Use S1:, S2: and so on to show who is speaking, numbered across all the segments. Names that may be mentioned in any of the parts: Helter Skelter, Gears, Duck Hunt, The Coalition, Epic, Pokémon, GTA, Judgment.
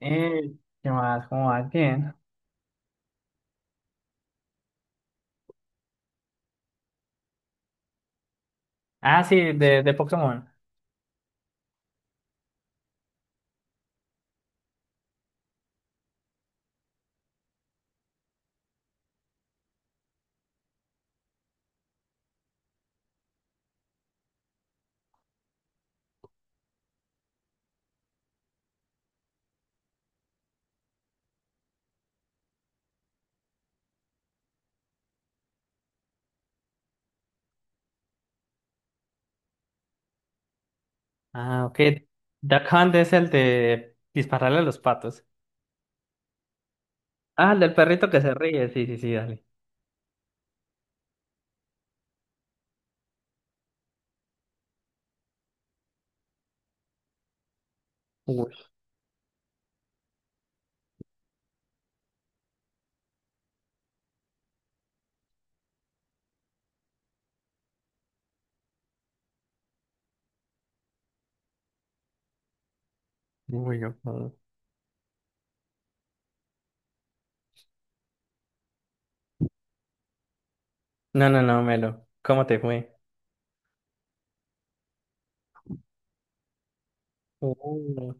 S1: Eh, ¿qué más? ¿Cómo vas? Bien. Ah, sí, de Pokémon. Ah, ok. Duck Hunt es el de dispararle a los patos. Ah, el del perrito que se ríe. Sí, sí, sí, dale. Uy, uy, yo puedo. No, no, no, Melo. ¿Cómo te fue? Uh.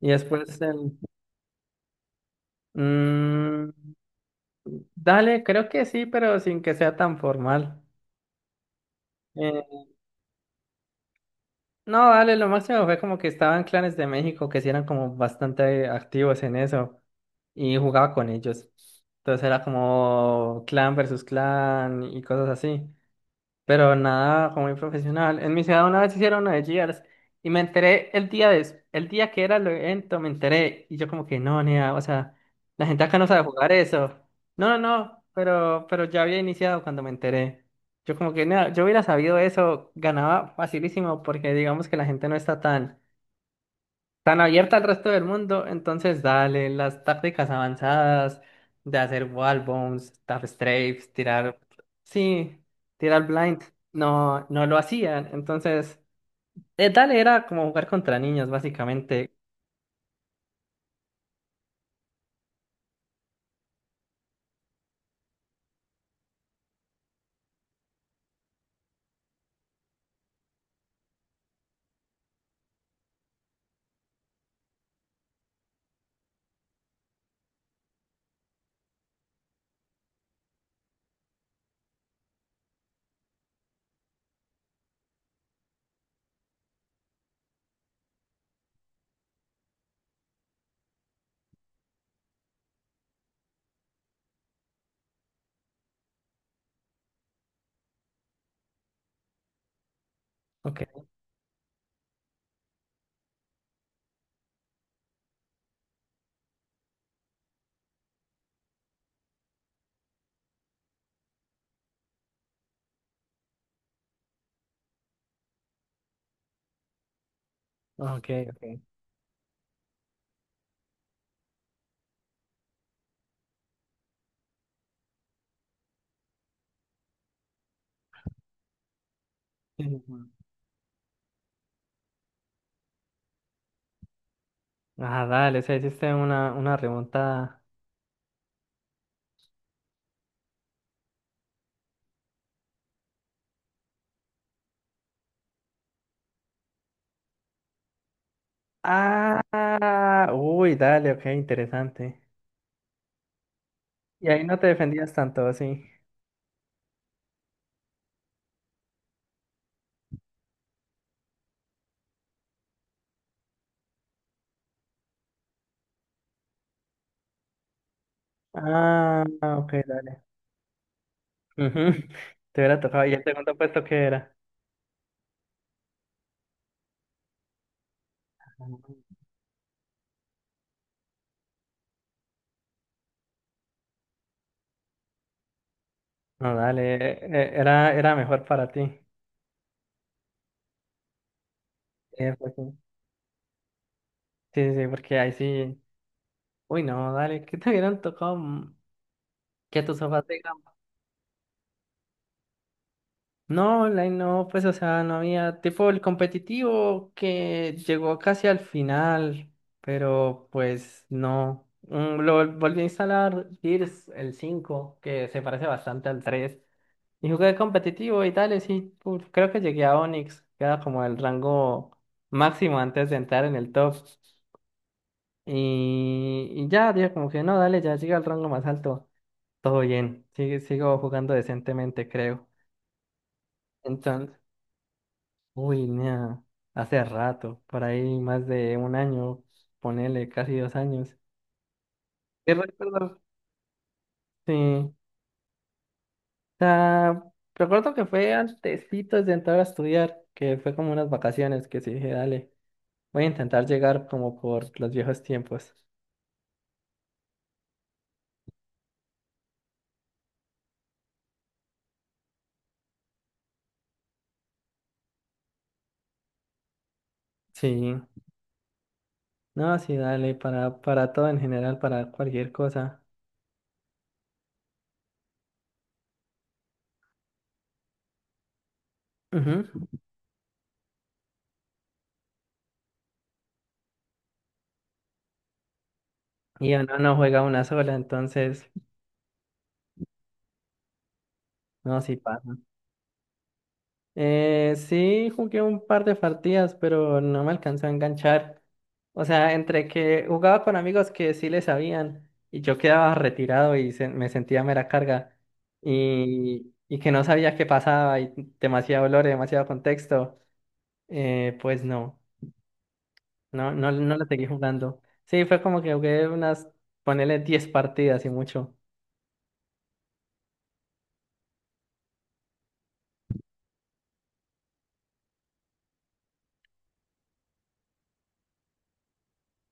S1: Y después el. Mm, dale, creo que sí, pero sin que sea tan formal. Eh, No, vale, lo máximo fue como que estaban clanes de México que sí eran como bastante activos en eso y jugaba con ellos. Entonces era como clan versus clan y cosas así, pero nada como muy profesional. En mi ciudad una vez hicieron una de Gears y me enteré el el día que era el evento, me enteré y yo como que no, nea, o sea, la gente acá no sabe jugar eso. No, no, no, pero ya había iniciado cuando me enteré. Yo como que nea, yo hubiera sabido eso, ganaba facilísimo porque digamos que la gente no está tan tan abierta al resto del mundo, entonces dale las tácticas avanzadas de hacer wall bombs, tap strafes, tirar, sí, tirar blind, no, no lo hacían, entonces dale era como jugar contra niños básicamente. Ok, ok, ok. Ujú. Ah, dale, o sea hiciste una remontada. Ah, uy, dale, ok, interesante. Y ahí no te defendías tanto, sí. Ah, ok. Ujú. Te hubiera tocado. ¿Y el segundo puesto qué era? No, dale, era mejor para ti. Pues sí, sí, sí, porque ahí sí. Uy, no, dale, ¿qué te hubieran tocado? Que tus sofás digan. No, online no, pues, o sea, no había. Tipo el competitivo que llegó casi al final, pero pues no. Lo volví a instalar Gears, el 5 que se parece bastante al tres. Y jugué competitivo y tal, y sí, creo que llegué a Onyx, que era como el rango máximo antes de entrar en el top. Y ya, dije como que no, dale, ya llegué al rango más alto. Todo bien, sigo jugando decentemente, creo. Entonces, uy, nea, hace rato, por ahí más de un año, ponele casi 2 años. Y recuerdo, sí, o sea, recuerdo que fue antesitos de entrar a estudiar, que fue como unas vacaciones, que sí dije, dale. Voy a intentar llegar como por los viejos tiempos. Sí, no, sí, dale, para todo en general, para cualquier cosa. Ujú. Y uno no juega una sola, entonces, no, sí pasa. Sí, jugué un par de partidas, pero no me alcanzó a enganchar. O sea, entre que jugaba con amigos que sí le sabían y yo quedaba retirado y me sentía mera carga y que no sabía qué pasaba y demasiado olor y demasiado contexto, pues no. No, no, no la seguí jugando. Sí, fue como que jugué unas, ponele 10 partidas y mucho.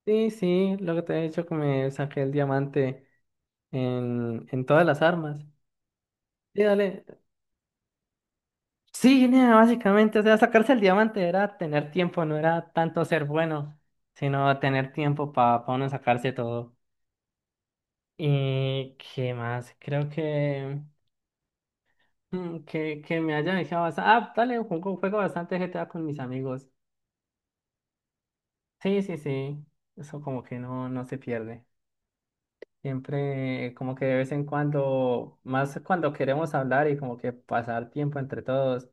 S1: Sí, sí, lo que te he dicho que me saqué el diamante en todas las armas. Sí, dale. Sí, nea, básicamente, o sea, sacarse el diamante era tener tiempo, no era tanto ser bueno, sino tener tiempo para uno sacarse todo. ¿Y qué más? Creo que, mm, que me haya dejado bastante. Ah, dale, juego bastante GTA con mis amigos. Sí, sí, sí. Eso como que no, no se pierde. Siempre como que de vez en cuando, más cuando queremos hablar y como que pasar tiempo entre todos,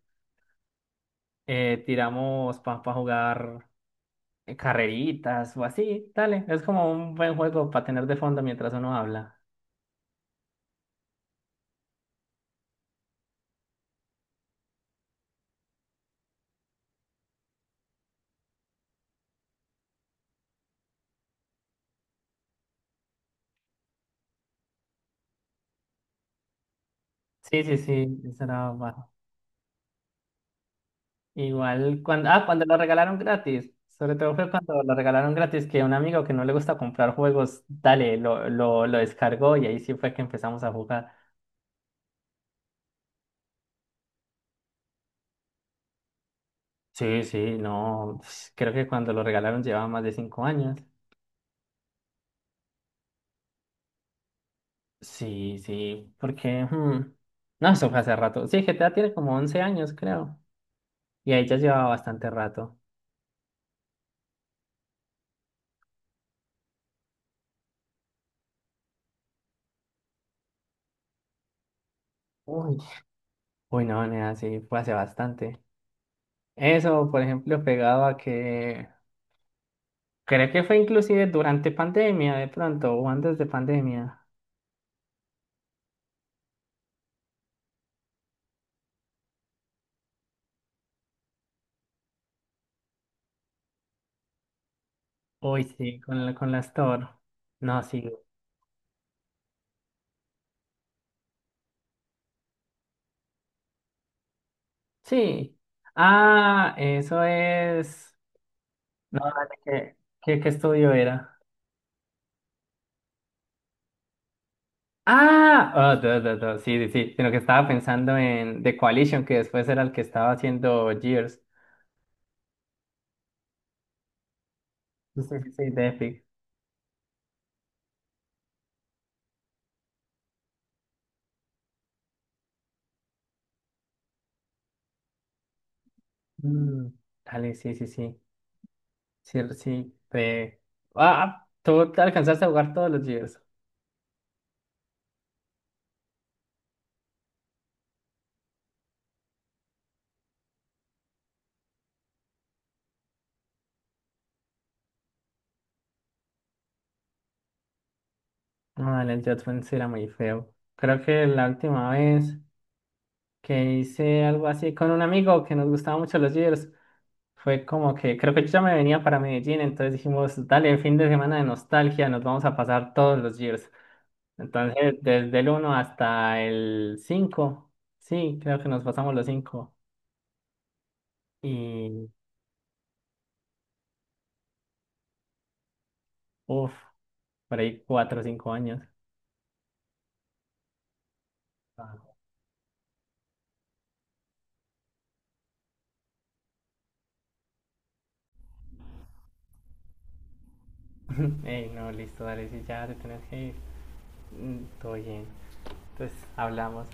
S1: tiramos para jugar carreritas o así. Dale, es como un buen juego para tener de fondo mientras uno habla. Sí, sí, sí, eso era bajo. Igual cuando, ah, cuando lo regalaron gratis. Sobre todo fue cuando lo regalaron gratis que un amigo que no le gusta comprar juegos, dale, lo descargó y ahí sí fue que empezamos a jugar. Sí, sí, no, creo que cuando lo regalaron llevaba más de 5 años. Sí, sí, porque. No, eso fue hace rato. Sí, GTA tiene como 11 años, creo. Y ahí ya llevaba bastante rato. Uy. Uy, no, nena, sí, fue hace bastante. Eso, por ejemplo, pegado a que. Creo que fue inclusive durante pandemia, de pronto, o antes de pandemia. Uy, sí, con la Store. No, sí. Sí. Ah, eso es. ¿Qué, qué estudio era? Ah, ah, duh, duh, duh, sí, sí, sí, sino que estaba pensando en The Coalition, que después era el que estaba haciendo Gears. Sí, sí, sí, de Epic. Mm, Dale, sí, sí, sí. Sí, sí. Ah, tú te alcanzaste a jugar todos los Gears. No, dale, el Judgment sí era muy feo. Creo que la última vez que hice algo así con un amigo que nos gustaba mucho los Gears, fue como que creo que yo ya me venía para Medellín, entonces dijimos, dale, fin de semana de nostalgia, nos vamos a pasar todos los Gears. Entonces, desde el uno hasta el 5 sí, creo que nos pasamos los cinco. Y, uff, por ahí 4 o 5 años. Ah. Ey, no, listo, dale, si ya te tenés que ir. Todo bien. Entonces, hablamos.